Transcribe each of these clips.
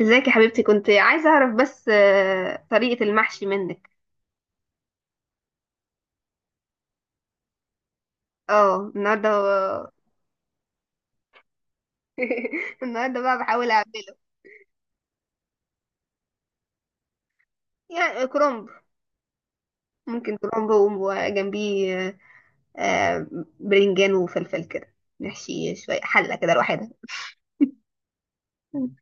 ازيك يا حبيبتي، كنت عايزة اعرف بس طريقة المحشي منك. اه، النهاردة. النهاردة بقى بحاول اعمله. يعني كرنب. ممكن كرنب وجنبيه آه، برنجان وفلفل كده. نحشي شوية حلة كده لوحدها. مم.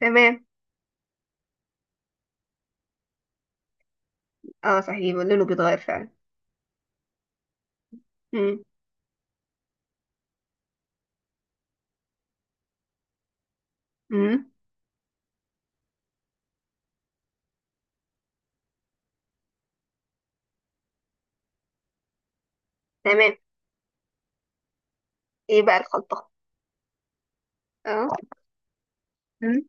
تمام. اه، صحيح لونه بيتغير فعلا. مم. مم. تمام. ايه بقى الخلطة؟ اه. مم.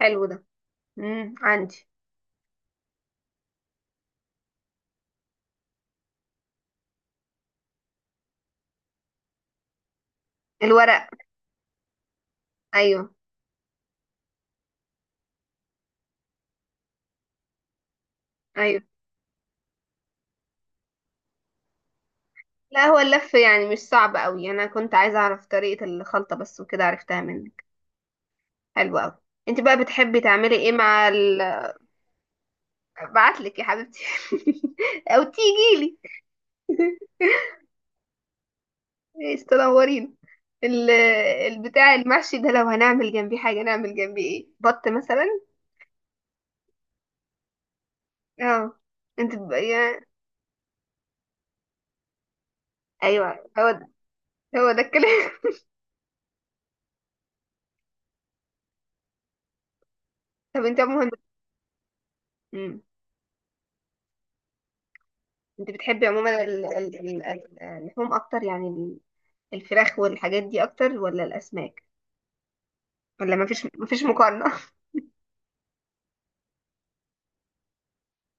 حلو ده. عندي. الورق. ايوه. ايوه. لا، هو اللف يعني مش صعب قوي، انا كنت عايزه اعرف طريقه الخلطه بس، وكده عرفتها منك. حلو قوي. انت بقى بتحبي تعملي ايه مع ال؟ ابعتلك يا حبيبتي او تيجي لي. ايش تنورين. ال- البتاع المحشي ده لو هنعمل جنبيه حاجه، نعمل جنبيه ايه؟ بط مثلا؟ اه. انت ب... يا... ايوه، هو ده، هو ده الكلام. طب انت عموما. مم. انت بتحبي عموما اللحوم اكتر، يعني الفراخ والحاجات دي اكتر، ولا الاسماك؟ ولا مفيش مقارنة؟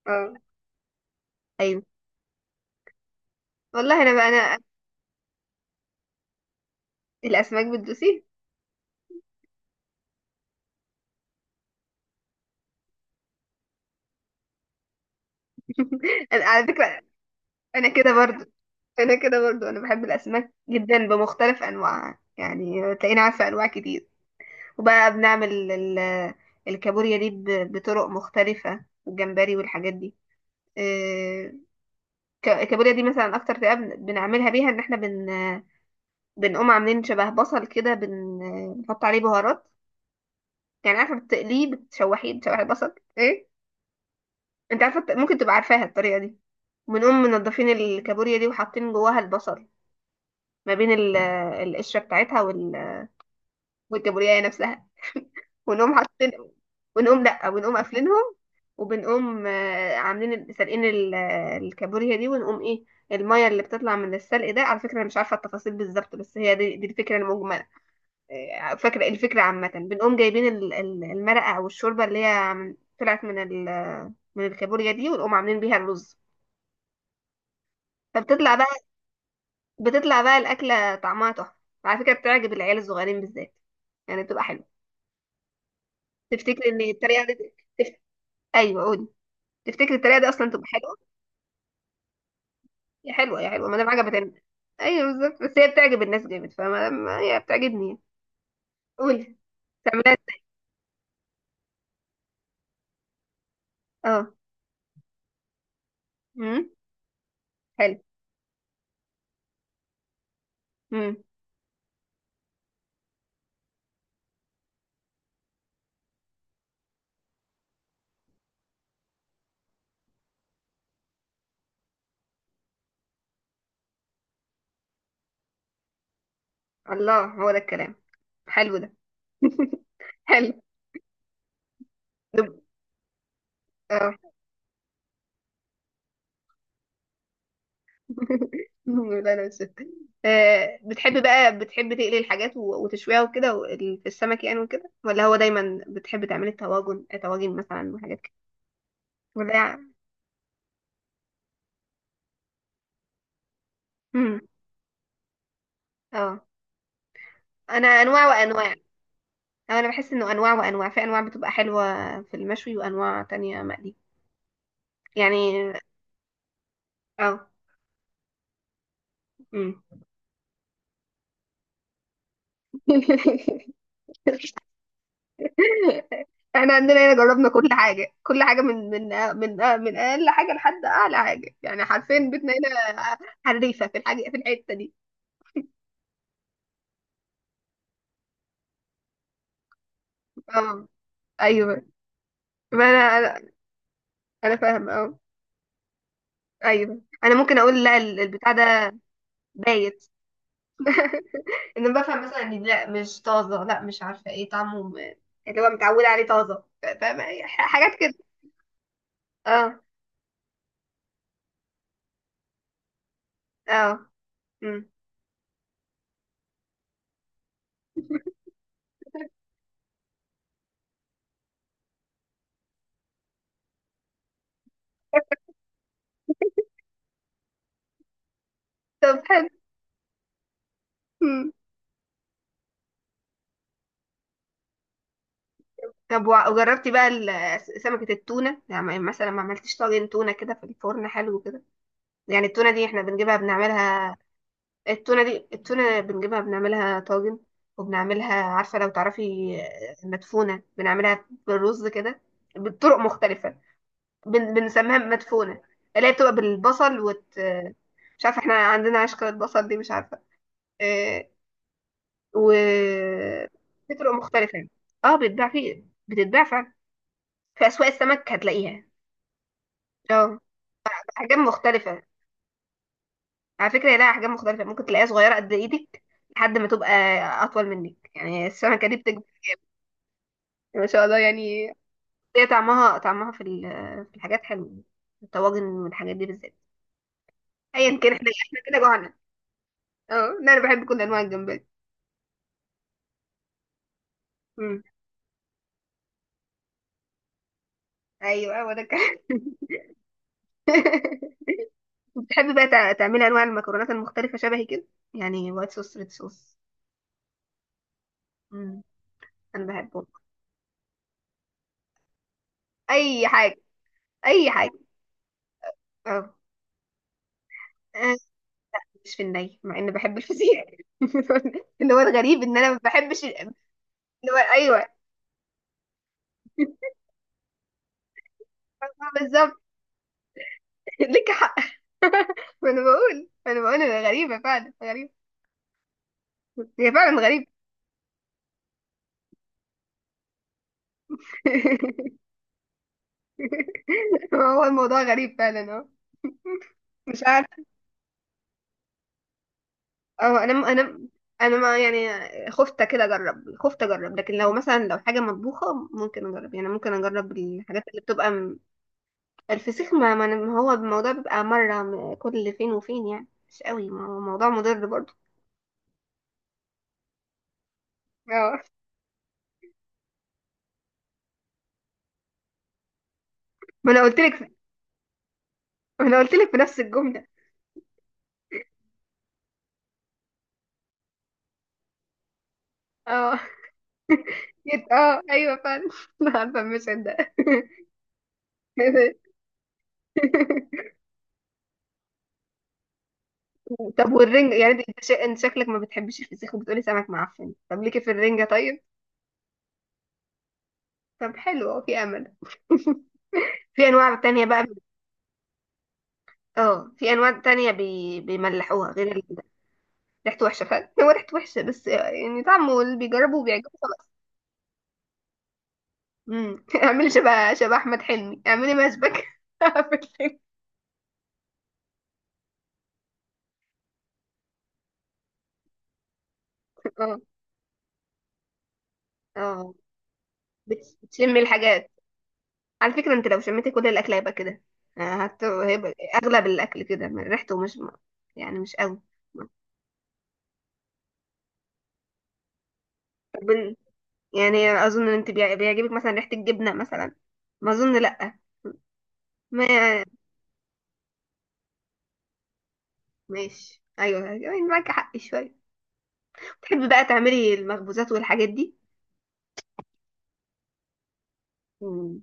اه. ايوه. والله انا بقى انا. الاسماك بتدوسي؟ انا على فكرة، انا كده برضو، انا كده برضو، انا بحب الاسماك جدا بمختلف انواعها، يعني تلاقيني عارفة انواع كتير. وبقى بنعمل الكابوريا دي بطرق مختلفة، والجمبري والحاجات دي. آه، الكابوريا دي مثلا اكتر طريقة بنعملها بيها ان احنا بنقوم عاملين شبه بصل كده، بنحط عليه بهارات، يعني عارفة بتقليه، بتشوحيه، بتشوحي البصل ايه. انت عارفه ممكن تبقى عارفاها الطريقه دي. بنقوم منضفين الكابوريا دي وحاطين جواها البصل، ما بين القشره بتاعتها والكابوريا نفسها. ونقوم حاطين، ونقوم لا، ونقوم قافلينهم. وبنقوم عاملين سالقين الكابوريا دي، ونقوم ايه، الميه اللي بتطلع من السلق ده. على فكره انا مش عارفه التفاصيل بالظبط، بس هي دي الفكره المجمله. فاكره إيه الفكره عامه. بنقوم جايبين المرقه او الشوربه اللي هي طلعت من الكابوريا دي، ونقوم عاملين بيها الرز. فبتطلع بقى الأكلة طعمها تحفة. على فكرة بتعجب العيال الصغيرين بالذات، يعني بتبقى حلوة. تفتكر ان الطريقة دي تف... ايوه، قولي. تفتكر الطريقة دي اصلا تبقى حلوة؟ يا حلوة يا حلوة، ما دام عجبت الناس. ايوه بالظبط، بس هي بتعجب الناس جامد، فما هي بتعجبني يعني. قولي. تعملها ازاي؟ اه. امم. حلو. امم. الله، هو ده الكلام. حلو ده. حلو. دب. اه. لا، لا، مش. بتحب بقى، بتحب تقلي الحاجات وتشويها وكده في السمك، يعني وكده، ولا هو دايما بتحب تعملي الطواجن، طواجن مثلا وحاجات كده؟ ولا مم. اه، انا انواع وانواع. أو انا بحس انه انواع وانواع، في انواع بتبقى حلوة في المشوي، وانواع تانية مقلي يعني. اه. مم. احنا عندنا هنا جربنا كل حاجة كل حاجة، من اقل حاجة لحد اعلى حاجة، يعني حرفيا بيتنا هنا حريفة في الحاجة في الحتة دي. اه، ايوه، ما انا انا أنا فاهمه. اه. ايوه، انا ممكن اقول لا البتاع ده بايت. ان أنا بفهم مثلا ان لا مش طازه، لا مش عارفه ايه طعمه اللي هو متعوده عليه طازه، فاهمه إيه؟ حاجات كده. اه. اه. مم. طب حلو. مم. طب وجربتي بقى سمكه التونه، يعني مثلا ما عملتيش طاجن تونه كده في الفرن حلو كده؟ يعني التونه دي احنا بنجيبها بنعملها. التونة دي، التونة بنجيبها بنعملها طاجن، وبنعملها عارفة لو تعرفي مدفونة، بنعملها بالرز كده بطرق مختلفة. بنسميها مدفونة، اللي هي بتبقى بالبصل وت... آه، مش عارفة، احنا عندنا عشقة البصل دي مش عارفة. آه، و في طرق مختلفة يعني. اه، بتتباع، في بتتباع فعلا، في أسواق السمك هتلاقيها. اه، أحجام مختلفة. على فكرة لها أحجام مختلفة، ممكن تلاقيها صغيرة قد إيدك لحد ما تبقى أطول منك، يعني السمكة دي بتكبر، ما شاء الله يعني. هي طعمها في الحاجات حلو، الطواجن والحاجات دي بالذات. ايا كان، احنا كده جوعنا. اه. لا، انا بحب كل انواع الجمبري. امم. ايوه، هو ده كان. بتحبي بقى تعملي انواع المكرونات المختلفه شبهي كده، يعني وايت صوص، ريد صوص. امم. انا بحبهم. اي حاجه. اي حاجه. اه. آه، مش في الني، مع اني بحب الفسيخ. اللي هو الغريب ان انا ما بحبش اللي هو. ايوه بالظبط. لك حق. ما انا بقول انا غريبة، فعلا غريبة. هي فعلا غريبة. هو الموضوع غريب فعلا. اه. مش عارفة. اه، انا ما يعني خفت كده اجرب، خفت اجرب، لكن لو مثلا لو حاجة مطبوخة ممكن اجرب، يعني ممكن اجرب الحاجات اللي بتبقى م. الفسيخ، ما ما هو الموضوع بيبقى مرة كل فين وفين، يعني مش قوي، ما هو موضوع مضر برضه. اه. ما انا قلت لك ما انا قلت لك في نفس الجملة. اه. اه، ايوه فعلا. انا عارفة المشهد ده. طب والرنجة، يعني انت شكلك ما بتحبيش الفسيخ وبتقولي سمك معفن، طب ليكي في الرنجة طيب؟ طب حلو، اه، في امل. في انواع تانية بقى. اه، في انواع تانية بيملحوها غير ريحته وحشة فعلا. هو ريحته وحشة، بس يعني طعمه اللي بيجربه بيعجبه خلاص. امم. اعملي شبه احمد حلمي، اعملي مشبك في الفيلم. اه. اه. بتشمي الحاجة. على فكرة انت لو شميت كل الاكل هيبقى كده، هيبقى اغلب الاكل كده، ريحته مش يعني مش قوي. طب يعني اظن ان انت بيعجبك مثلا ريحة الجبنة مثلا. ما اظن لا. ما. ماشي، ايوه، أيوة، يعني معاك حق شوية. تحبي بقى تعملي المخبوزات والحاجات دي. مم.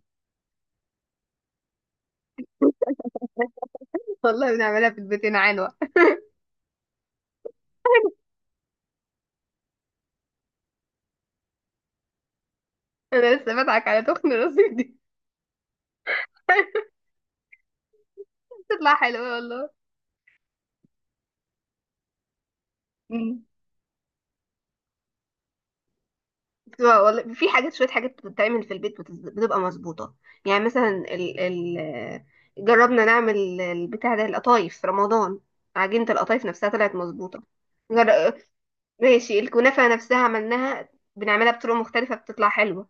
والله بنعملها في البيت هنا عنوة. انا لسه بضحك على تخن راسي دي. تطلع حلوة والله. مم. بتبقى والله، في حاجات شوية، حاجات بتتعمل في البيت بتبقى مظبوطة، يعني مثلا ال ال جربنا نعمل البتاع ده، القطايف في رمضان، عجينة القطايف نفسها طلعت مظبوطة. جر... ماشي، الكنافة نفسها عملناها، بنعملها بطرق مختلفة بتطلع حلوة.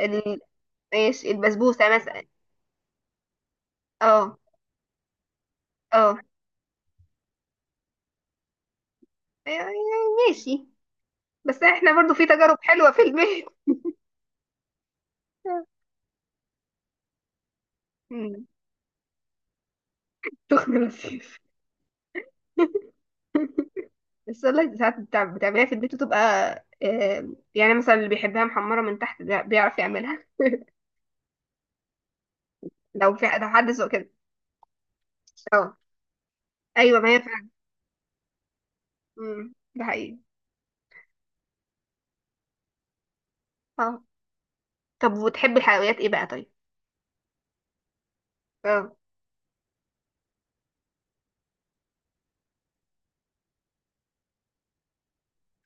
ال... ماشي، البسبوسة مثلا. اه. اه. يعني ماشي. بس احنا برضو في تجارب حلوة في البيت. مم. شكرا لطيف. السلة ساعات بتعمليها في البيت وتبقى، يعني مثلا اللي بيحبها محمرة من تحت ده بيعرف يعملها. لو في، لو حد ذوق كده. اه، ايوه ما هي فعلا. امم، ده حقيقي. اه، طب وتحبي الحلويات ايه بقى طيب؟ اه.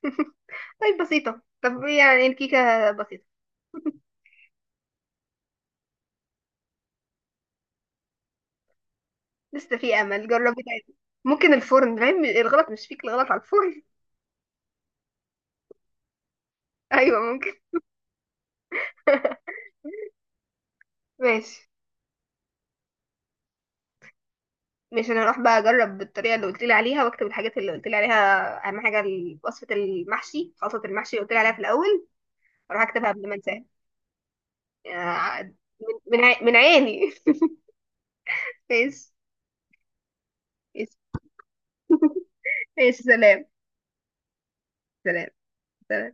طيب بسيطة، طب يعني الكيكة بسيطة. لسه في امل، جربي تاني. ممكن الفرن، فاهم الغلط مش فيك، الغلط على الفرن. ايوه ممكن. ماشي. مش، انا هروح بقى اجرب بالطريقه اللي قلت لي عليها، واكتب الحاجات اللي قلت لي عليها، اهم حاجه وصفه المحشي، خلطه المحشي اللي قلت لي عليها في الاول. اروح اكتبها قبل ما انساها. من، من عيني. ماشي، ماشي، ماشي، سلام، سلام، سلام.